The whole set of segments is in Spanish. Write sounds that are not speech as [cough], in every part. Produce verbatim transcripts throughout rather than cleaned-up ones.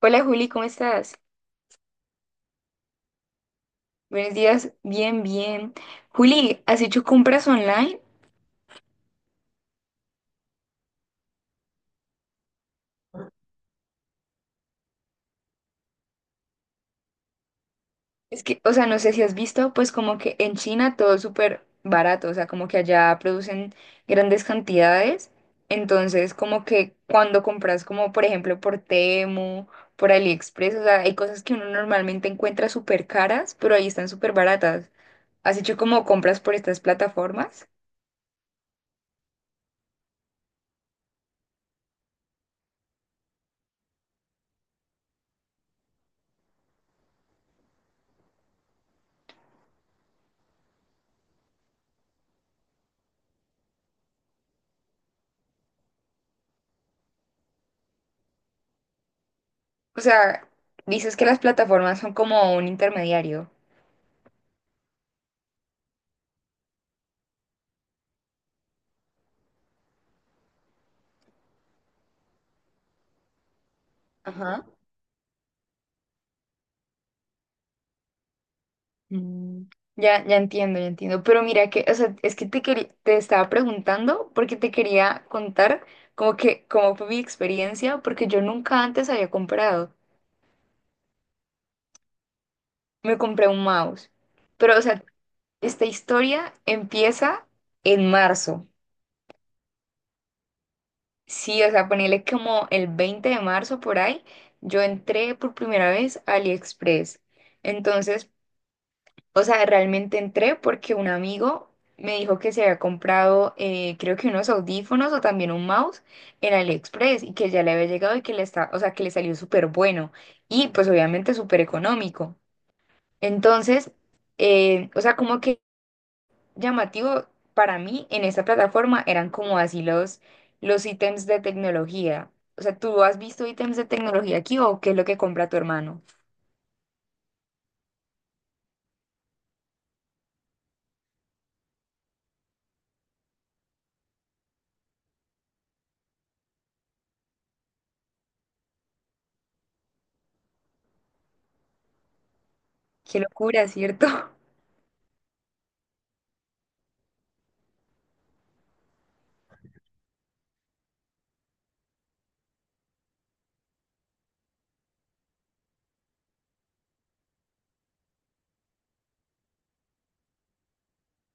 Hola Juli, ¿cómo estás? Buenos días, bien, bien. Juli, ¿has hecho compras online? Es que, o sea, no sé si has visto, pues como que en China todo es súper barato, o sea, como que allá producen grandes cantidades. Entonces, como que cuando compras, como por ejemplo por Temu, por AliExpress, o sea, hay cosas que uno normalmente encuentra súper caras, pero ahí están súper baratas. ¿Has hecho como compras por estas plataformas? O sea, dices que las plataformas son como un intermediario. Ajá. Mm, ya, ya entiendo, ya entiendo. Pero mira que, o sea, es que te quería, te estaba preguntando porque te quería contar como que cómo fue mi experiencia, porque yo nunca antes había comprado. Me compré un mouse. Pero, o sea, esta historia empieza en marzo. Sí, o sea, ponele como el veinte de marzo por ahí, yo entré por primera vez a AliExpress. Entonces, o sea, realmente entré porque un amigo me dijo que se había comprado, eh, creo que unos audífonos o también un mouse en AliExpress y que ya le había llegado y que le está, o sea, que le salió súper bueno y pues obviamente súper económico. Entonces, eh, o sea, como que llamativo para mí en esta plataforma eran como así los, los ítems de tecnología. O sea, ¿tú has visto ítems de tecnología aquí o qué es lo que compra tu hermano? Qué locura, ¿cierto? [laughs]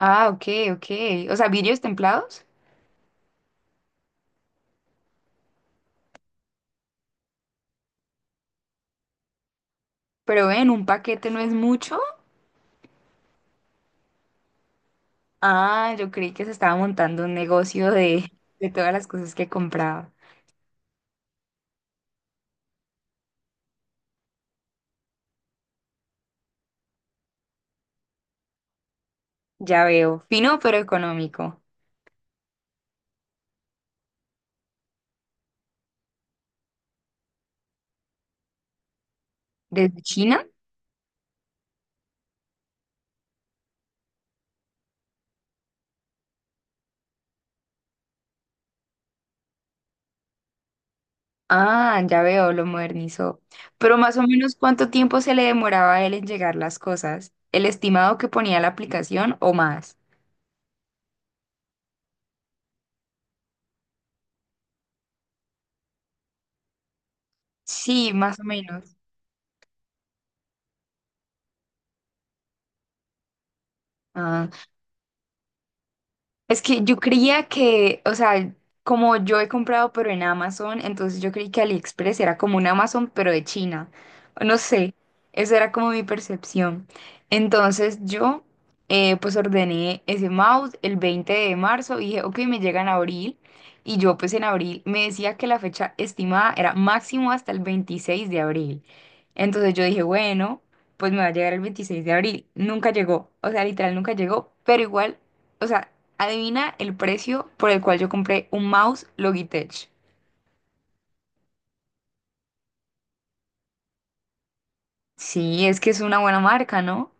Ah, ok, ok. O sea, vidrios templados. Pero ven, un paquete no es mucho. Ah, yo creí que se estaba montando un negocio de, de todas las cosas que compraba. Ya veo, fino pero económico. ¿Desde China? Ah, ya veo, lo modernizó. Pero más o menos, ¿cuánto tiempo se le demoraba a él en llegar las cosas? ¿El estimado que ponía la aplicación o más? Sí, más o menos. Ah. Es que yo creía que, o sea, como yo he comprado pero en Amazon, entonces yo creí que AliExpress era como un Amazon pero de China. No sé, esa era como mi percepción. Entonces yo, eh, pues ordené ese mouse el veinte de marzo y dije, ok, me llega en abril. Y yo pues en abril me decía que la fecha estimada era máximo hasta el veintiséis de abril. Entonces yo dije, bueno, pues me va a llegar el veintiséis de abril. Nunca llegó, o sea, literal nunca llegó, pero igual, o sea, adivina el precio por el cual yo compré un mouse Logitech. Sí, es que es una buena marca, ¿no?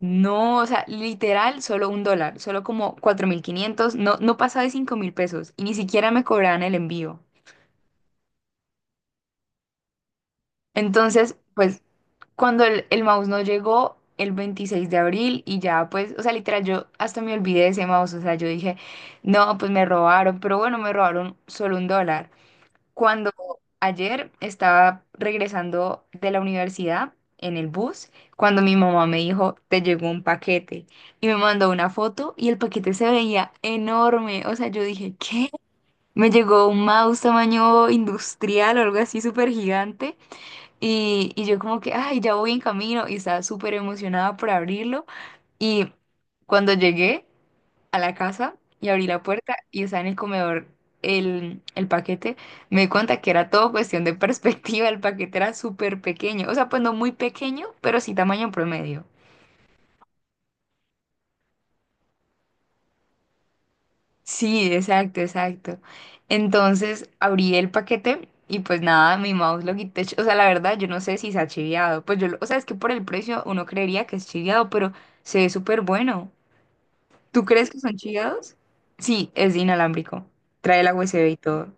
No, o sea, literal, solo un dólar, solo como cuatro mil quinientos. No, no pasaba de cinco mil pesos y ni siquiera me cobraban el envío. Entonces, pues, cuando el, el mouse no llegó el veintiséis de abril y ya, pues, o sea, literal, yo hasta me olvidé de ese mouse, o sea, yo dije, no, pues me robaron, pero bueno, me robaron solo un dólar. Cuando ayer estaba regresando de la universidad en el bus, cuando mi mamá me dijo, te llegó un paquete y me mandó una foto y el paquete se veía enorme. O sea, yo dije, ¿qué? Me llegó un mouse tamaño industrial o algo así súper gigante y, y yo como que, ay, ya voy en camino y estaba súper emocionada por abrirlo. Y cuando llegué a la casa y abrí la puerta y estaba en el comedor el, el paquete, me di cuenta que era todo cuestión de [laughs] perspectiva. El paquete era súper pequeño, o sea, pues no muy pequeño, pero sí tamaño promedio. Sí, exacto, exacto. Entonces abrí el paquete y pues nada, mi mouse lo quité, o sea, la verdad yo no sé si se ha chiviado, pues yo, lo- o sea, es que por el precio uno creería que es chiviado, pero se ve súper bueno. ¿Tú crees que son chiviados? Sí, es inalámbrico, trae la U S B y todo.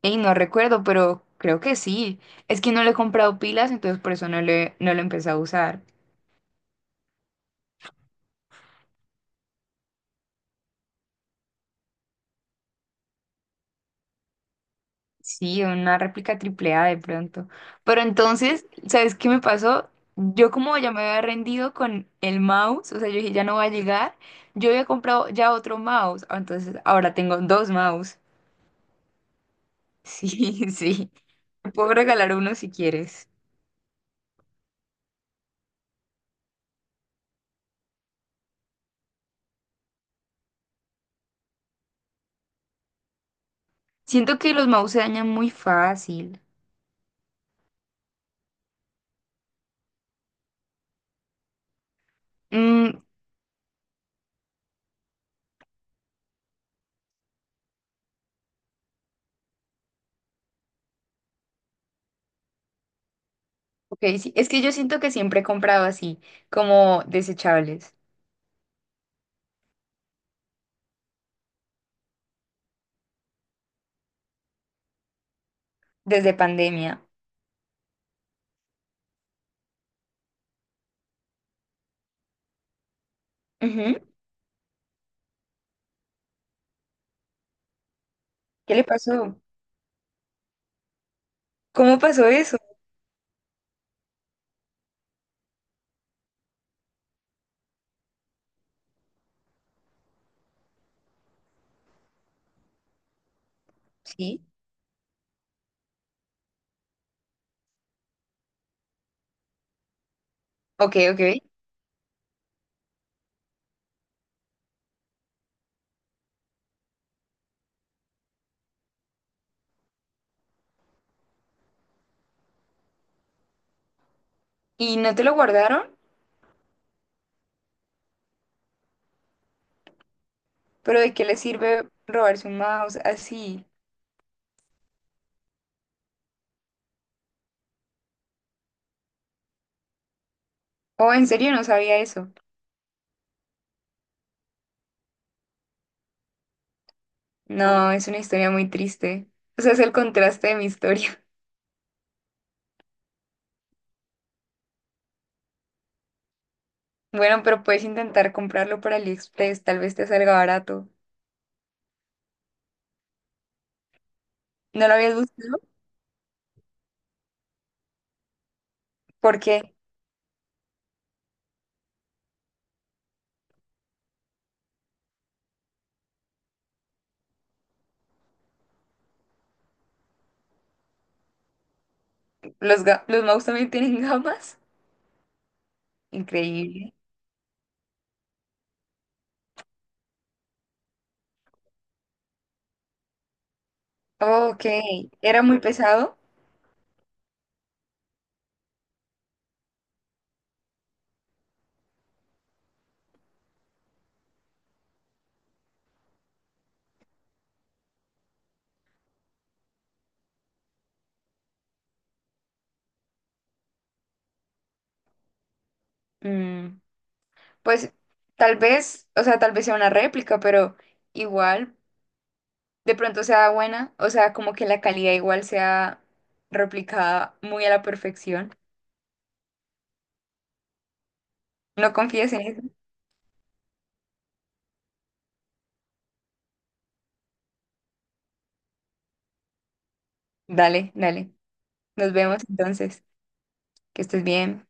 Y no recuerdo, pero creo que sí. Es que no le he comprado pilas, entonces por eso no le, no lo empecé a usar. Sí, una réplica triple A de pronto. Pero entonces, ¿sabes qué me pasó? Yo como ya me había rendido con el mouse, o sea, yo dije, ya no va a llegar. Yo había comprado ya otro mouse, ah, entonces ahora tengo dos mouse. Sí, [laughs] sí. Te puedo regalar uno si quieres. Siento que los mouse se dañan muy fácil. Mm. Ok, sí. Es que yo siento que siempre he comprado así, como desechables, desde pandemia. Ujú. ¿Qué le pasó? ¿Cómo pasó eso? Sí. Ok, ok. ¿Y no te lo guardaron? ¿Pero de qué le sirve robarse un mouse así? Oh, en serio, no sabía eso. No, es una historia muy triste. O sea, es el contraste de mi historia. [laughs] Bueno, pero puedes intentar comprarlo por AliExpress, tal vez te salga barato. ¿No lo habías buscado? Porque los, ga- los mouse también tienen [laughs] gamas. Increíble. Ok, era muy pesado. Mm, Pues tal vez, o sea, tal vez sea una réplica, pero igual de pronto sea buena, o sea, como que la calidad igual sea replicada muy a la perfección. No confíes en eso. Dale, dale. Nos vemos entonces. Que estés bien.